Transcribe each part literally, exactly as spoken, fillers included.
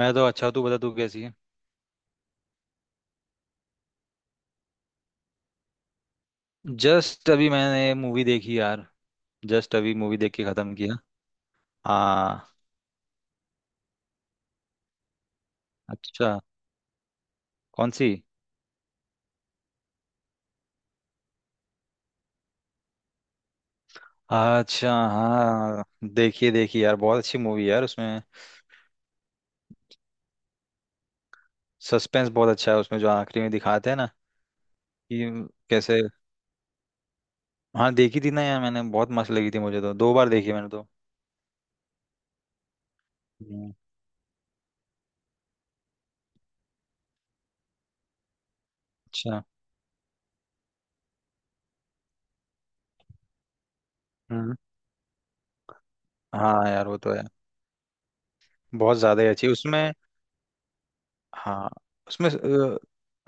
मैं तो अच्छा हूँ, तू बता तू कैसी है। जस्ट अभी मैंने मूवी देखी यार। जस्ट अभी मूवी देख के खत्म किया। हाँ। अच्छा। कौन सी? अच्छा हाँ। देखिए देखिए यार, बहुत अच्छी मूवी है यार, उसमें सस्पेंस बहुत अच्छा है उसमें, जो आखिरी में दिखाते हैं ना कि कैसे। हाँ, देखी थी ना यार मैंने, बहुत मस्त लगी थी मुझे तो, दो बार देखी मैंने तो। हम्म। अच्छा। हम्म। हाँ यार वो तो है। बहुत ज्यादा ही अच्छी उसमें। हाँ। उसमें अ,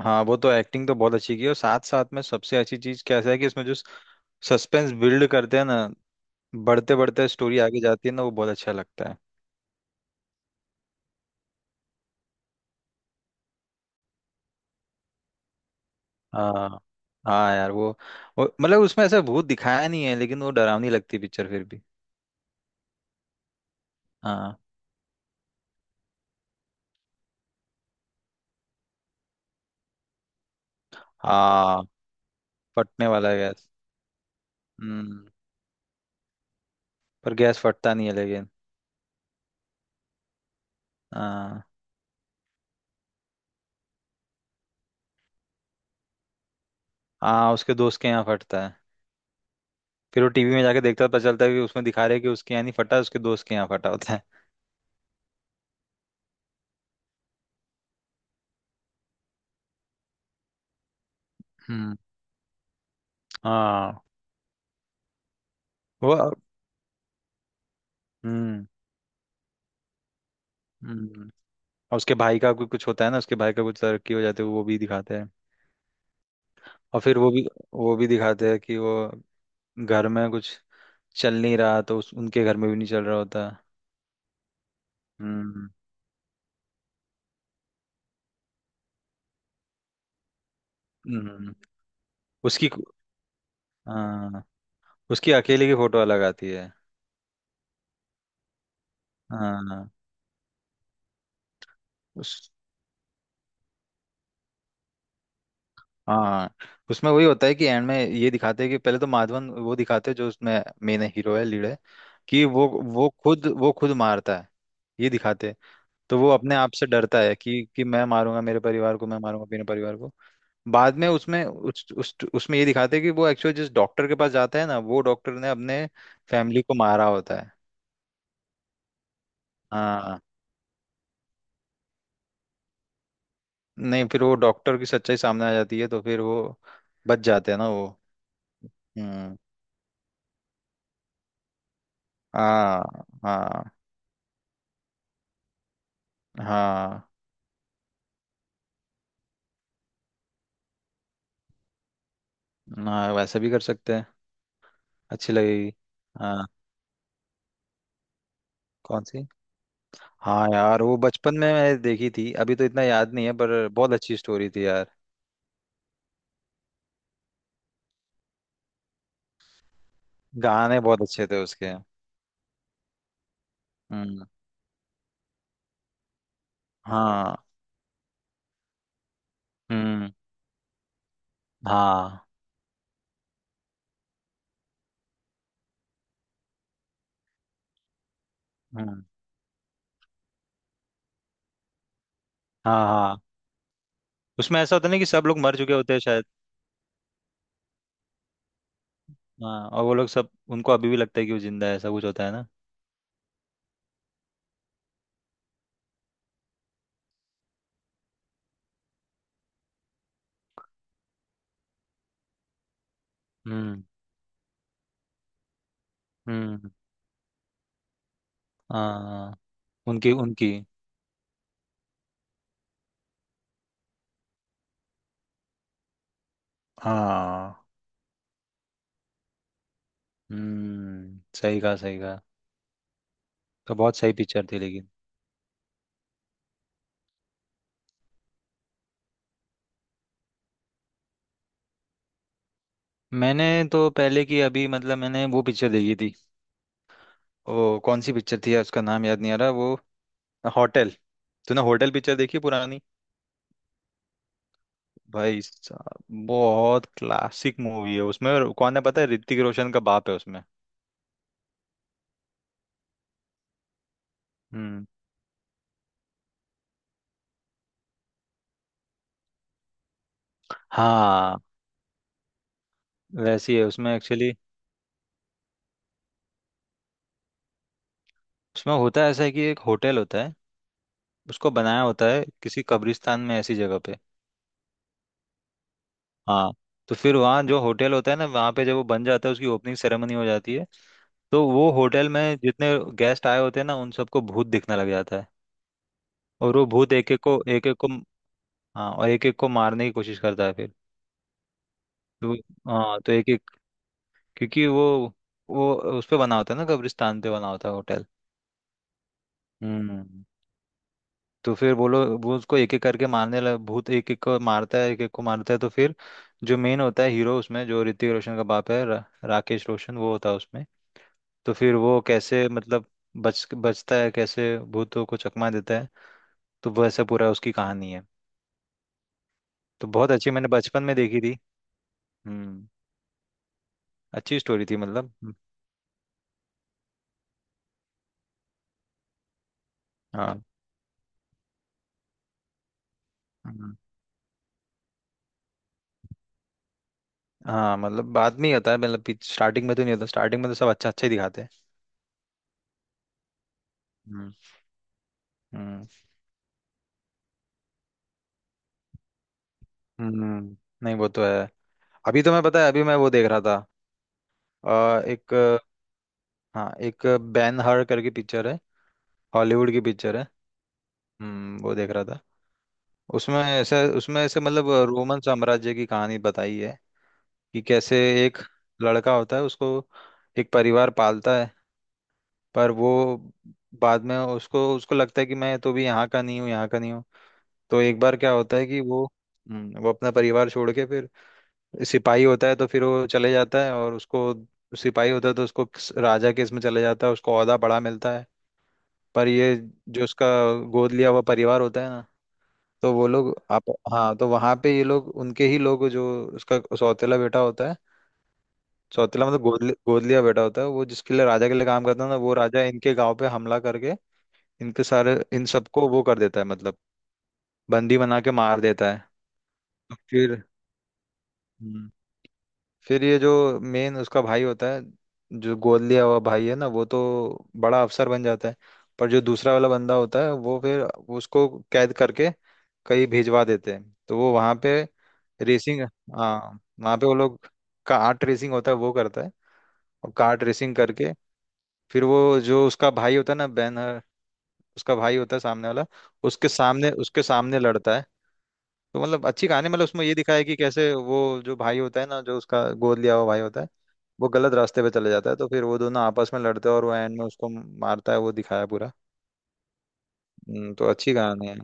हाँ वो तो एक्टिंग तो बहुत अच्छी की है, और साथ साथ में सबसे अच्छी चीज कैसा है कि उसमें जो सस्पेंस बिल्ड करते हैं ना, बढ़ते बढ़ते स्टोरी आगे जाती है ना, वो बहुत अच्छा लगता है। हाँ। हाँ यार वो, वो मतलब उसमें ऐसा भूत दिखाया नहीं है, लेकिन वो डरावनी लगती है पिक्चर फिर भी। हाँ। हाँ, फटने वाला है गैस। हम्म। पर गैस फटता नहीं है लेकिन। हाँ। हाँ उसके दोस्त के यहाँ फटता है। फिर वो टीवी में जाके देखता है, पता चलता है कि उसमें दिखा रहे हैं कि उसके यहाँ नहीं फटा, उसके दोस्त के यहाँ फटा होता है। हम्म। हाँ वो। हम्म। हम्म। और उसके भाई का भी कुछ होता है ना, उसके भाई का कुछ तरक्की हो जाती है वो भी दिखाते हैं। और फिर वो भी वो भी दिखाते हैं कि वो घर में कुछ चल नहीं रहा, तो उस, उनके घर में भी नहीं चल रहा होता। हम्म। हम्म। उसकी। हाँ उसकी अकेले की फोटो अलग आती है। हाँ उस। हाँ उसमें वही होता है कि एंड में ये दिखाते हैं कि पहले तो माधवन वो दिखाते हैं, जो उसमें मेन हीरो है, लीड है। कि वो वो खुद वो खुद मारता है, ये दिखाते हैं। तो वो अपने आप से डरता है कि कि मैं मारूंगा मेरे परिवार को, मैं मारूंगा अपने परिवार को। बाद में उसमें उस, उस उसमें ये दिखाते हैं कि वो एक्चुअली जिस डॉक्टर के पास जाता है ना, वो डॉक्टर ने अपने फैमिली को मारा होता है। हाँ। नहीं, फिर वो डॉक्टर की सच्चाई सामने आ जाती है तो फिर वो बच जाते हैं ना वो। हम्म। हाँ हाँ हाँ। हाँ वैसे भी कर सकते हैं। अच्छी लगेगी। हाँ। कौन सी? हाँ यार वो बचपन में मैंने देखी थी, अभी तो इतना याद नहीं है पर बहुत अच्छी स्टोरी थी यार। गाने बहुत अच्छे थे उसके। हम्म। हाँ। हम्म। हाँ। हम्म। हाँ। हाँ। उसमें ऐसा होता है ना कि सब लोग मर चुके होते हैं शायद। हाँ और वो लोग सब उनको अभी भी लगता है कि वो जिंदा है, ऐसा कुछ होता है ना। हम्म। हम्म। हाँ। उनकी उनकी। हाँ, हम्म, सही कहा, सही कहा। तो बहुत सही पिक्चर थी लेकिन। मैंने तो पहले की, अभी मतलब मैंने वो पिक्चर देखी थी। ओ, कौन सी पिक्चर थी यार, उसका नाम याद नहीं आ रहा वो। होटल। तूने होटल पिक्चर देखी पुरानी? भाई साहब बहुत क्लासिक मूवी है, उसमें कौन है पता है, ऋतिक रोशन का बाप है उसमें। हम्म। हाँ वैसी है उसमें एक्चुअली। उसमें होता है ऐसा है कि एक होटल होता है, उसको बनाया होता है किसी कब्रिस्तान में ऐसी जगह पे। हाँ। तो फिर वहाँ जो होटल होता है ना, वहाँ पे जब वो बन जाता है उसकी ओपनिंग सेरेमनी हो जाती है, तो वो होटल में जितने गेस्ट आए होते हैं ना, उन सबको भूत दिखने लग जाता है। और वो भूत एक एक को एक एक को। हाँ और एक एक को मारने की कोशिश करता है फिर। तो हाँ, तो एक, क्योंकि वो वो उस पे बना होता है ना, कब्रिस्तान पे बना होता है होटल। हम्म। तो फिर बोलो वो उसको एक एक करके मारने लग, भूत एक एक को मारता है, एक एक को मारता है, तो फिर जो मेन होता है हीरो उसमें, जो ऋतिक रोशन का बाप है, रा, राकेश रोशन वो होता है उसमें। तो फिर वो कैसे मतलब बच बचता है, कैसे भूतों को चकमा देता है, तो वैसा पूरा उसकी कहानी है। तो बहुत अच्छी, मैंने बचपन में देखी थी। हम्म। अच्छी स्टोरी थी मतलब, हम्म, हाँ। हम्म। हाँ मतलब बाद में ही आता है, मतलब स्टार्टिंग में तो नहीं होता, स्टार्टिंग में तो सब अच्छा अच्छा ही दिखाते हैं। हम्म। हम्म। हम्म, नहीं वो तो है। अभी तो मैं पता है, अभी मैं वो देख रहा था। अ, एक। हाँ एक बैन हर करके पिक्चर है। हॉलीवुड की पिक्चर है। हम्म, वो देख रहा था। उसमें ऐसे उसमें ऐसे मतलब रोमन साम्राज्य की कहानी बताई है कि कैसे एक लड़का होता है, उसको एक परिवार पालता है। पर वो बाद में उसको उसको लगता है कि मैं तो भी यहाँ का नहीं हूँ, यहाँ का नहीं हूँ। तो एक बार क्या होता है कि वो हम्म, वो अपना परिवार छोड़ के फिर सिपाही होता है, तो फिर वो चले जाता है, और उसको सिपाही होता है तो उसको किस- राजा के इसमें चले जाता है, उसको ओहदा बड़ा मिलता है। पर ये जो उसका गोद लिया हुआ परिवार होता है ना, तो वो लोग आप, हाँ तो वहां पे ये लोग उनके ही लोग, जो उसका सौतेला बेटा होता है। सौतेला मतलब गोद लि- गोद लिया बेटा होता है, वो जिसके लिए, राजा के लिए काम करता है ना, वो राजा इनके गांव पे हमला करके इनके सारे इन सबको वो कर देता है, मतलब बंदी बना के मार देता है। तो फिर, हम्म, फिर ये जो मेन उसका भाई होता है, जो गोद लिया हुआ भाई है ना, वो तो बड़ा अफसर बन जाता है। पर जो दूसरा वाला बंदा होता है वो फिर, उसको कैद करके कहीं भिजवा देते हैं, तो वो वहाँ पे रेसिंग। हाँ वहाँ पे वो लोग कार्ट रेसिंग होता है वो करता है, और कार्ट रेसिंग करके फिर वो, जो उसका भाई होता है ना, बैनर उसका भाई होता है सामने वाला, उसके सामने उसके सामने लड़ता है। तो मतलब अच्छी कहानी, मतलब उसमें ये दिखाया है कि कैसे वो, जो भाई होता है ना, जो उसका गोद लिया हुआ भाई होता है, वो गलत रास्ते पे चले जाता है तो फिर वो दोनों आपस में लड़ते हैं, और वो एंड में उसको मारता है, वो दिखाया पूरा। हम्म, तो अच्छी कहानी है।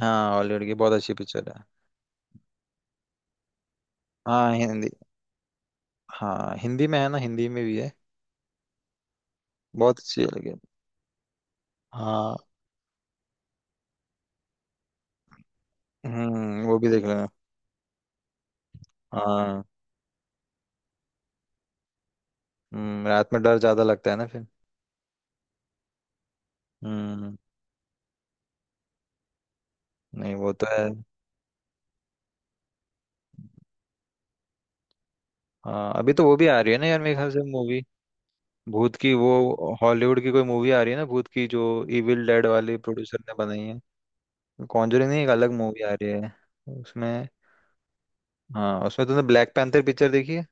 हाँ, हॉलीवुड की बहुत अच्छी पिक्चर है। हाँ हिंदी। हाँ हिंदी में है ना, हिंदी में भी है। बहुत अच्छी लगी। हाँ। हम्म वो भी देख लेना। हाँ। हम्म, रात में डर ज्यादा लगता है ना फिर। हम्म। नहीं वो तो है। हाँ अभी तो वो भी आ रही है ना यार, मेरे ख्याल से मूवी। भूत की, वो हॉलीवुड की कोई मूवी आ रही है ना, भूत की, जो इविल डेड वाली प्रोड्यूसर ने बनाई है। कॉन्जरिंग नहीं, एक अलग मूवी आ रही है उसमें। हाँ उसमें, तुमने ब्लैक पैंथर पिक्चर देखी है?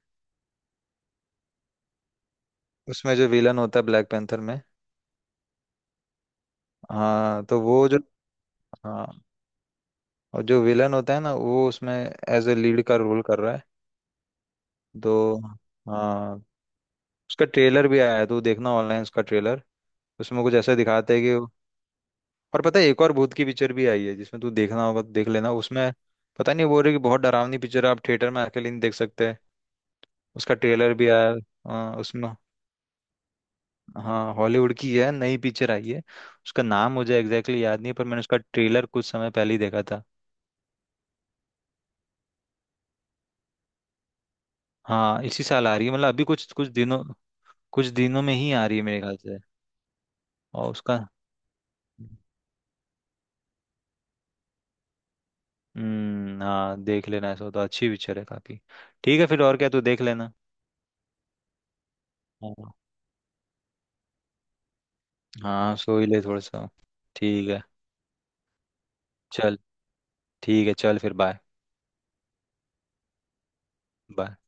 उसमें जो विलन होता है ब्लैक पैंथर में। हाँ तो वो जो, हाँ और जो विलन होता है ना वो, उसमें एज ए लीड का रोल कर रहा है। तो हाँ, उसका ट्रेलर भी आया है तो देखना ऑनलाइन, उसका ट्रेलर। उसमें कुछ ऐसा दिखाते हैं कि, और पता है, एक और भूत की पिक्चर भी आई है, जिसमें तू देखना होगा तो देख लेना उसमें। पता नहीं, बोल रही कि बहुत डरावनी पिक्चर है, आप थिएटर में अकेले नहीं देख सकते। उसका ट्रेलर भी आया है। हाँ उसमें। हाँ हॉलीवुड की है, नई पिक्चर आई है। उसका नाम मुझे एग्जैक्टली exactly याद नहीं है, पर मैंने उसका ट्रेलर कुछ समय पहले ही देखा था। हाँ इसी साल आ रही है, मतलब अभी कुछ कुछ दिनों, कुछ दिनों में ही आ रही है मेरे ख्याल से। और उसका। हम्म, हाँ देख लेना, ऐसा हो तो अच्छी पिक्चर है काफी। ठीक है फिर, और क्या, तू देख लेना। हाँ, हाँ सो ही ले थोड़ा सा। ठीक है चल। ठीक है चल, फिर बाय। बाय।